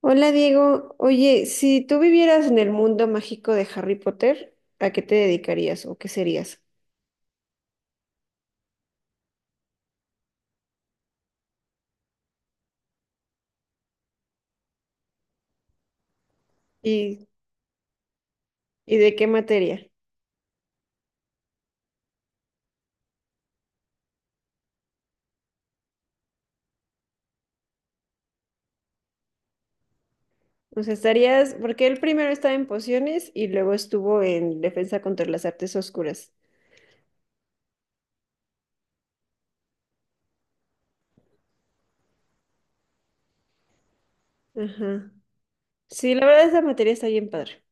Hola Diego, oye, si tú vivieras en el mundo mágico de Harry Potter, ¿a qué te dedicarías o qué serías? ¿Y, y de qué materia? O sea, estarías, porque él primero estaba en pociones y luego estuvo en defensa contra las artes oscuras. Ajá. Sí, la verdad esa materia está bien padre.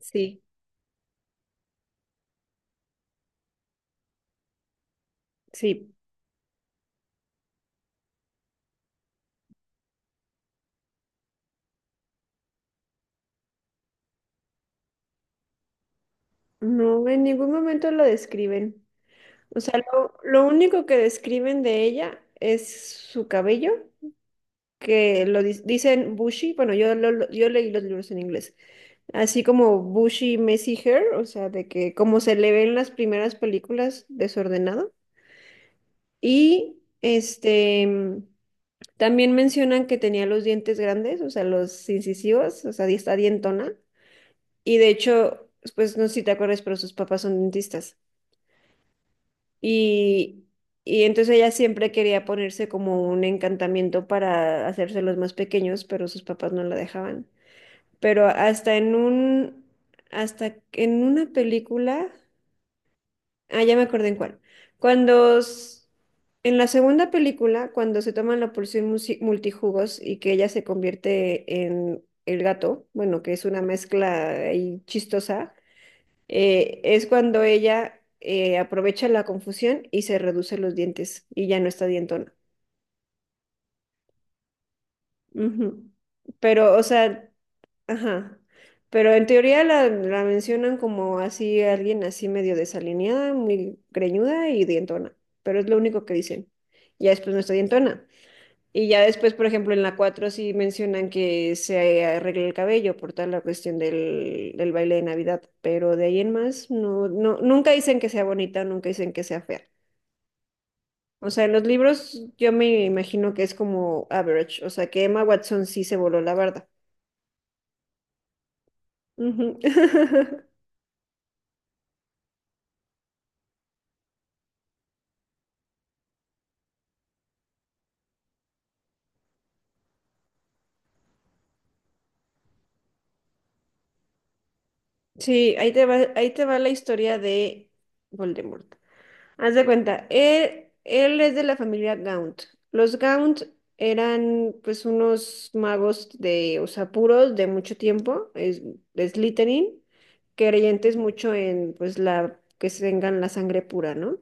Sí, sí. No, en ningún momento lo describen. O sea, lo único que describen de ella es su cabello, que lo dicen bushy. Bueno, yo leí los libros en inglés. Así como Bushy Messy Hair, o sea, de que como se le ve en las primeras películas, desordenado. Y también mencionan que tenía los dientes grandes, o sea, los incisivos, o sea, está dientona. Y de hecho, pues no sé si te acuerdas, pero sus papás son dentistas. Y, y entonces ella siempre quería ponerse como un encantamiento para hacérselos más pequeños, pero sus papás no la dejaban. Pero hasta en una película. Ah, ya me acordé en cuál. Cuando s- en la segunda película, cuando se toman la porción multijugos y que ella se convierte en el gato, bueno, que es una mezcla ahí chistosa, es cuando ella aprovecha la confusión y se reduce los dientes y ya no está dientona. Ujú. Pero, o sea, ajá. Pero en teoría la mencionan como así, alguien así medio desalineada, muy greñuda y dientona. Pero es lo único que dicen. Ya después no está dientona. Y ya después, por ejemplo, en la 4 sí mencionan que se arregle el cabello por tal la cuestión del baile de Navidad. Pero de ahí en más, no, no, nunca dicen que sea bonita, nunca dicen que sea fea. O sea, en los libros yo me imagino que es como average. O sea, que Emma Watson sí se voló la barda. Ujú. Sí, ahí te va la historia de Voldemort. Haz de cuenta, él es de la familia Gaunt. Los Gaunt eran pues unos magos de, o sea, puros de mucho tiempo, es, de Slytherin, creyentes mucho en pues la, que tengan la sangre pura, ¿no?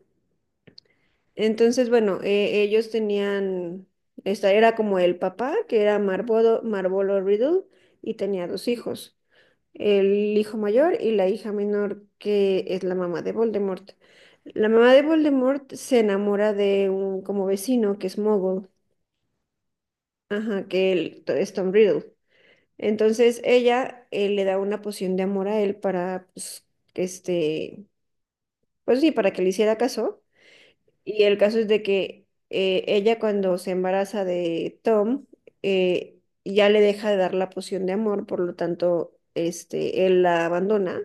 Entonces, bueno, ellos tenían, esta era como el papá, que era Marvolo, Marvolo Riddle, y tenía dos hijos, el hijo mayor y la hija menor, que es la mamá de Voldemort. La mamá de Voldemort se enamora de un como vecino que es Mogul, ajá, que él es Tom Riddle. Entonces ella le da una poción de amor a él para, pues, que pues sí, para que le hiciera caso. Y el caso es de que ella cuando se embaraza de Tom, ya le deja de dar la poción de amor, por lo tanto, él la abandona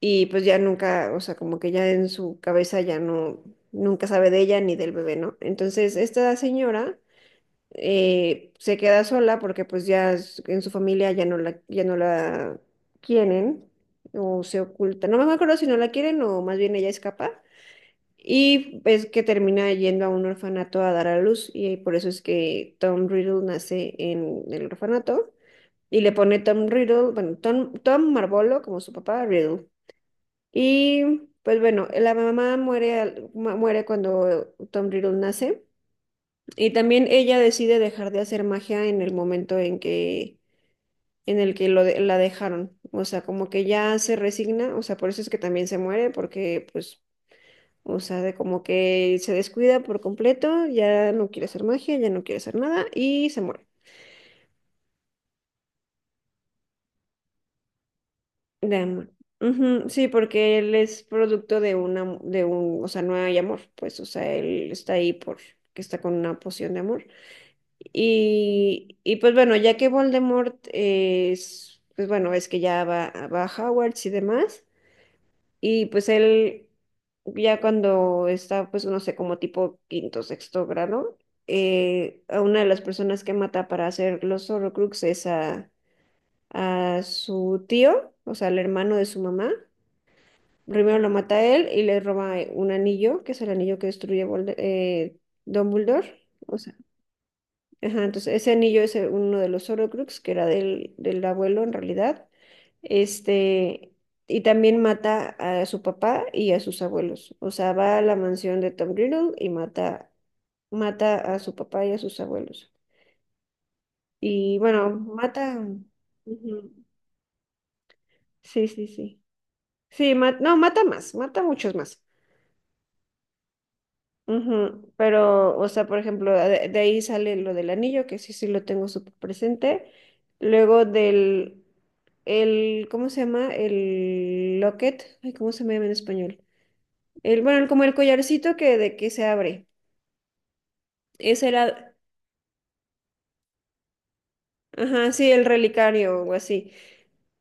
y pues ya nunca, o sea, como que ya en su cabeza ya no, nunca sabe de ella ni del bebé, ¿no? Entonces, esta señora se queda sola porque pues ya en su familia ya no la quieren o se oculta. No me acuerdo si no la quieren o más bien ella escapa. Y es que termina yendo a un orfanato a dar a luz y por eso es que Tom Riddle nace en el orfanato y le pone Tom Riddle, bueno, Tom, Tom Marvolo como su papá, Riddle. Y pues bueno, la mamá muere, muere cuando Tom Riddle nace. Y también ella decide dejar de hacer magia en el momento en el que la dejaron. O sea, como que ya se resigna. O sea, por eso es que también se muere, porque pues, o sea, de como que se descuida por completo, ya no quiere hacer magia, ya no quiere hacer nada y se muere. De amor. Ujú. Sí, porque él es producto de una, de un, o sea, no hay amor, pues, o sea, él está ahí porque está con una poción de amor. Y pues bueno, ya que Voldemort es, pues bueno, es que ya va a Hogwarts y demás, y pues él ya cuando está, pues no sé, como tipo quinto, sexto grado, a una de las personas que mata para hacer los Horrocrux es a su tío, o sea, el hermano de su mamá. Primero lo mata a él y le roba un anillo, que es el anillo que destruye Dumbledore. O sea, ajá, entonces ese anillo es uno de los Horcrux, que era del abuelo en realidad. Este, y también mata a su papá y a sus abuelos. O sea, va a la mansión de Tom Riddle y mata, a su papá y a sus abuelos. Y bueno, mata. Ujú. Sí, sí, sí. Sí, no, mata más, mata muchos más. Ujú. Pero, o sea, por ejemplo, de ahí sale lo del anillo, que sí, sí lo tengo súper presente. Luego del, el, ¿cómo se llama? El locket. Ay, ¿cómo se me llama en español? El, bueno, como el collarcito que de que se abre. Ese era, ajá, sí, el relicario o así.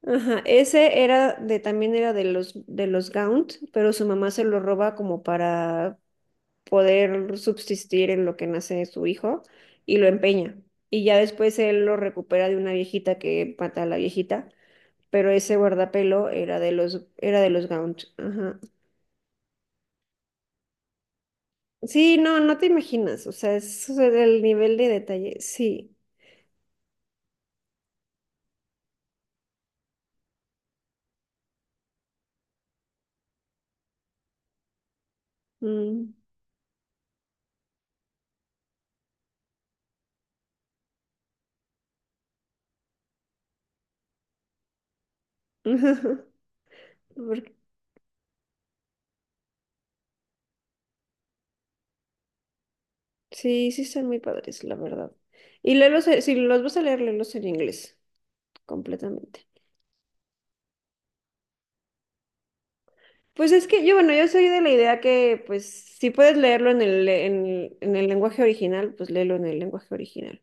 Ajá, ese también era de los Gaunt, pero su mamá se lo roba como para poder subsistir en lo que nace su hijo y lo empeña. Y ya después él lo recupera de una viejita que mata a la viejita, pero ese guardapelo era de los Gaunt. Ajá. Sí, no, no te imaginas, o sea, es, o sea, el nivel de detalle, sí. Mm. Porque- sí, sí están muy padres, la verdad. Y léelos, si los vas a leer, léelos en inglés, completamente. Pues es que yo soy de la idea que, pues, si puedes leerlo en el lenguaje original, pues léelo en el lenguaje original.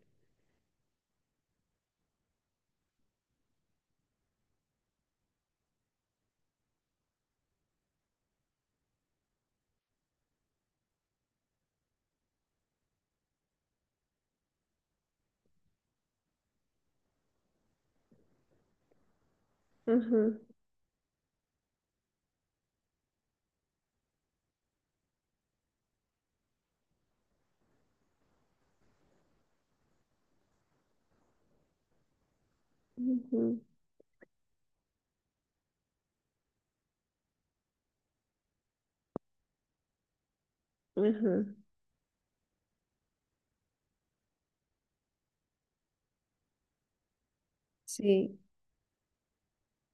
Ajá, ajá, ajá. Sí,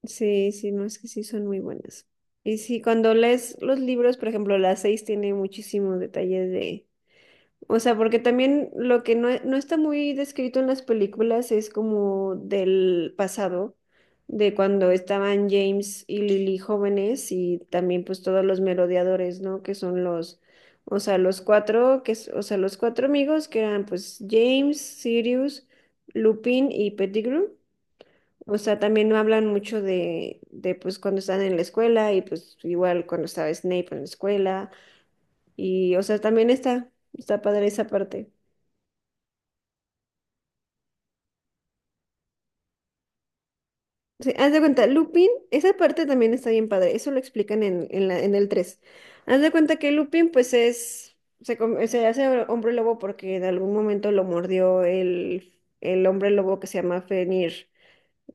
sí, sí, no, es que sí son muy buenas. Y sí, cuando lees los libros, por ejemplo, las seis tiene muchísimos detalles. O sea, porque también lo que no está muy descrito en las películas es como del pasado, de cuando estaban James y Lily jóvenes y también pues todos los merodeadores, ¿no? Que son los, o sea, los cuatro, que, o sea, los cuatro amigos que eran pues James, Sirius, Lupin y Pettigrew. O sea, también no hablan mucho de pues cuando están en la escuela y pues igual cuando estaba Snape en la escuela y, o sea, también está padre esa parte. Sí, haz de cuenta, Lupin, esa parte también está bien padre, eso lo explican en el 3. Haz de cuenta que Lupin pues se hace hombre lobo porque en algún momento lo mordió el hombre lobo que se llama Fenrir,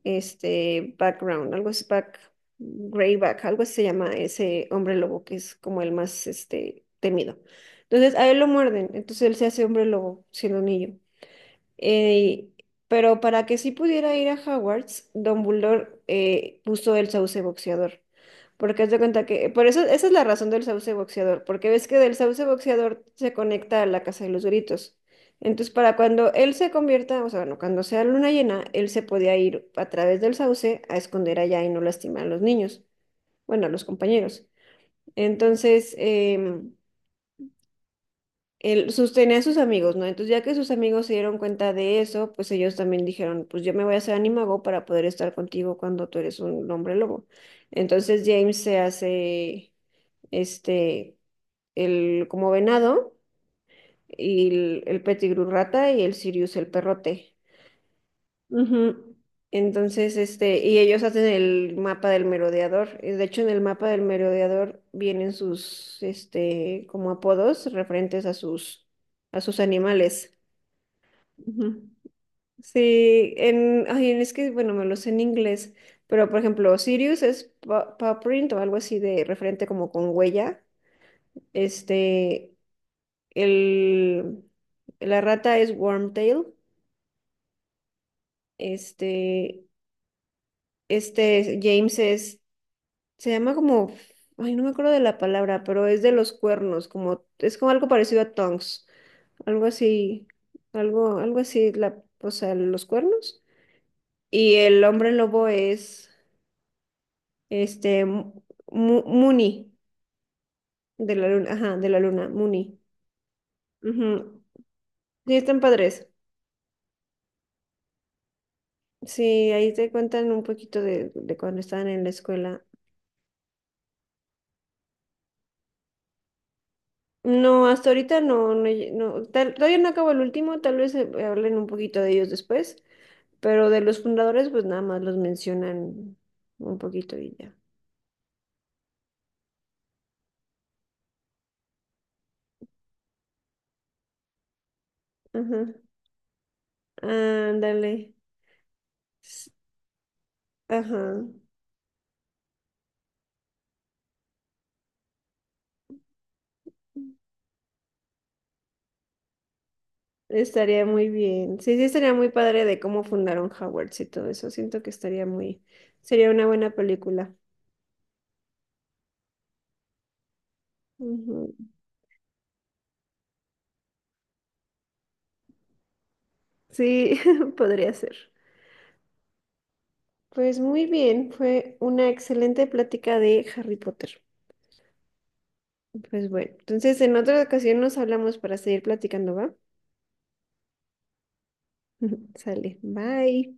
Background, algo así, Back, Greyback, algo así se llama ese hombre lobo que es como el más, temido. Entonces a él lo muerden, entonces él se hace hombre lobo siendo niño. Eh, pero para que sí pudiera ir a Hogwarts, Dumbledore puso el sauce boxeador. Porque haz de cuenta que, por eso, esa es la razón del sauce boxeador, porque ves que del sauce boxeador se conecta a la Casa de los Gritos. Entonces, para cuando él se convierta, o sea, bueno, cuando sea luna llena, él se podía ir a través del sauce a esconder allá y no lastimar a los niños, bueno, a los compañeros. Entonces, él sostenía a sus amigos, ¿no? Entonces, ya que sus amigos se dieron cuenta de eso, pues ellos también dijeron, pues yo me voy a hacer animago para poder estar contigo cuando tú eres un hombre lobo. Entonces, James se hace, este, el como venado, y el Pettigrew rata y el Sirius el perrote. Ujú. Entonces, y ellos hacen el mapa del merodeador. Y de hecho, en el mapa del merodeador vienen sus, como apodos referentes a sus, animales. Ujú. Sí, en, ay, es que, bueno, me lo sé en inglés, pero por ejemplo, Sirius es paw print o algo así de referente como con huella. Este, el, la rata es Wormtail. Este, James se llama como, ay, no me acuerdo de la palabra, pero es de los cuernos, como, es como algo parecido a tongs, algo así, algo así, la, o sea, los cuernos. Y el hombre lobo es. Este, Mu- Muni, de la luna, ajá, de la luna, Muni. Ujú. Sí, están padres. Sí, ahí te cuentan un poquito de cuando estaban en la escuela. No, hasta ahorita no, no, no, todavía no acabo el último, tal vez hablen un poquito de ellos después, pero de los fundadores pues nada más los mencionan un poquito y ya. Ajá, ándale. S- Ajá. Estaría muy bien. Sí, sí, estaría muy padre de cómo fundaron Hogwarts y todo eso. Siento que estaría muy, sería una buena película. Ujú. Sí, podría ser. Pues muy bien, fue una excelente plática de Harry Potter. Pues bueno, entonces en otra ocasión nos hablamos para seguir platicando, ¿va? Sale, bye.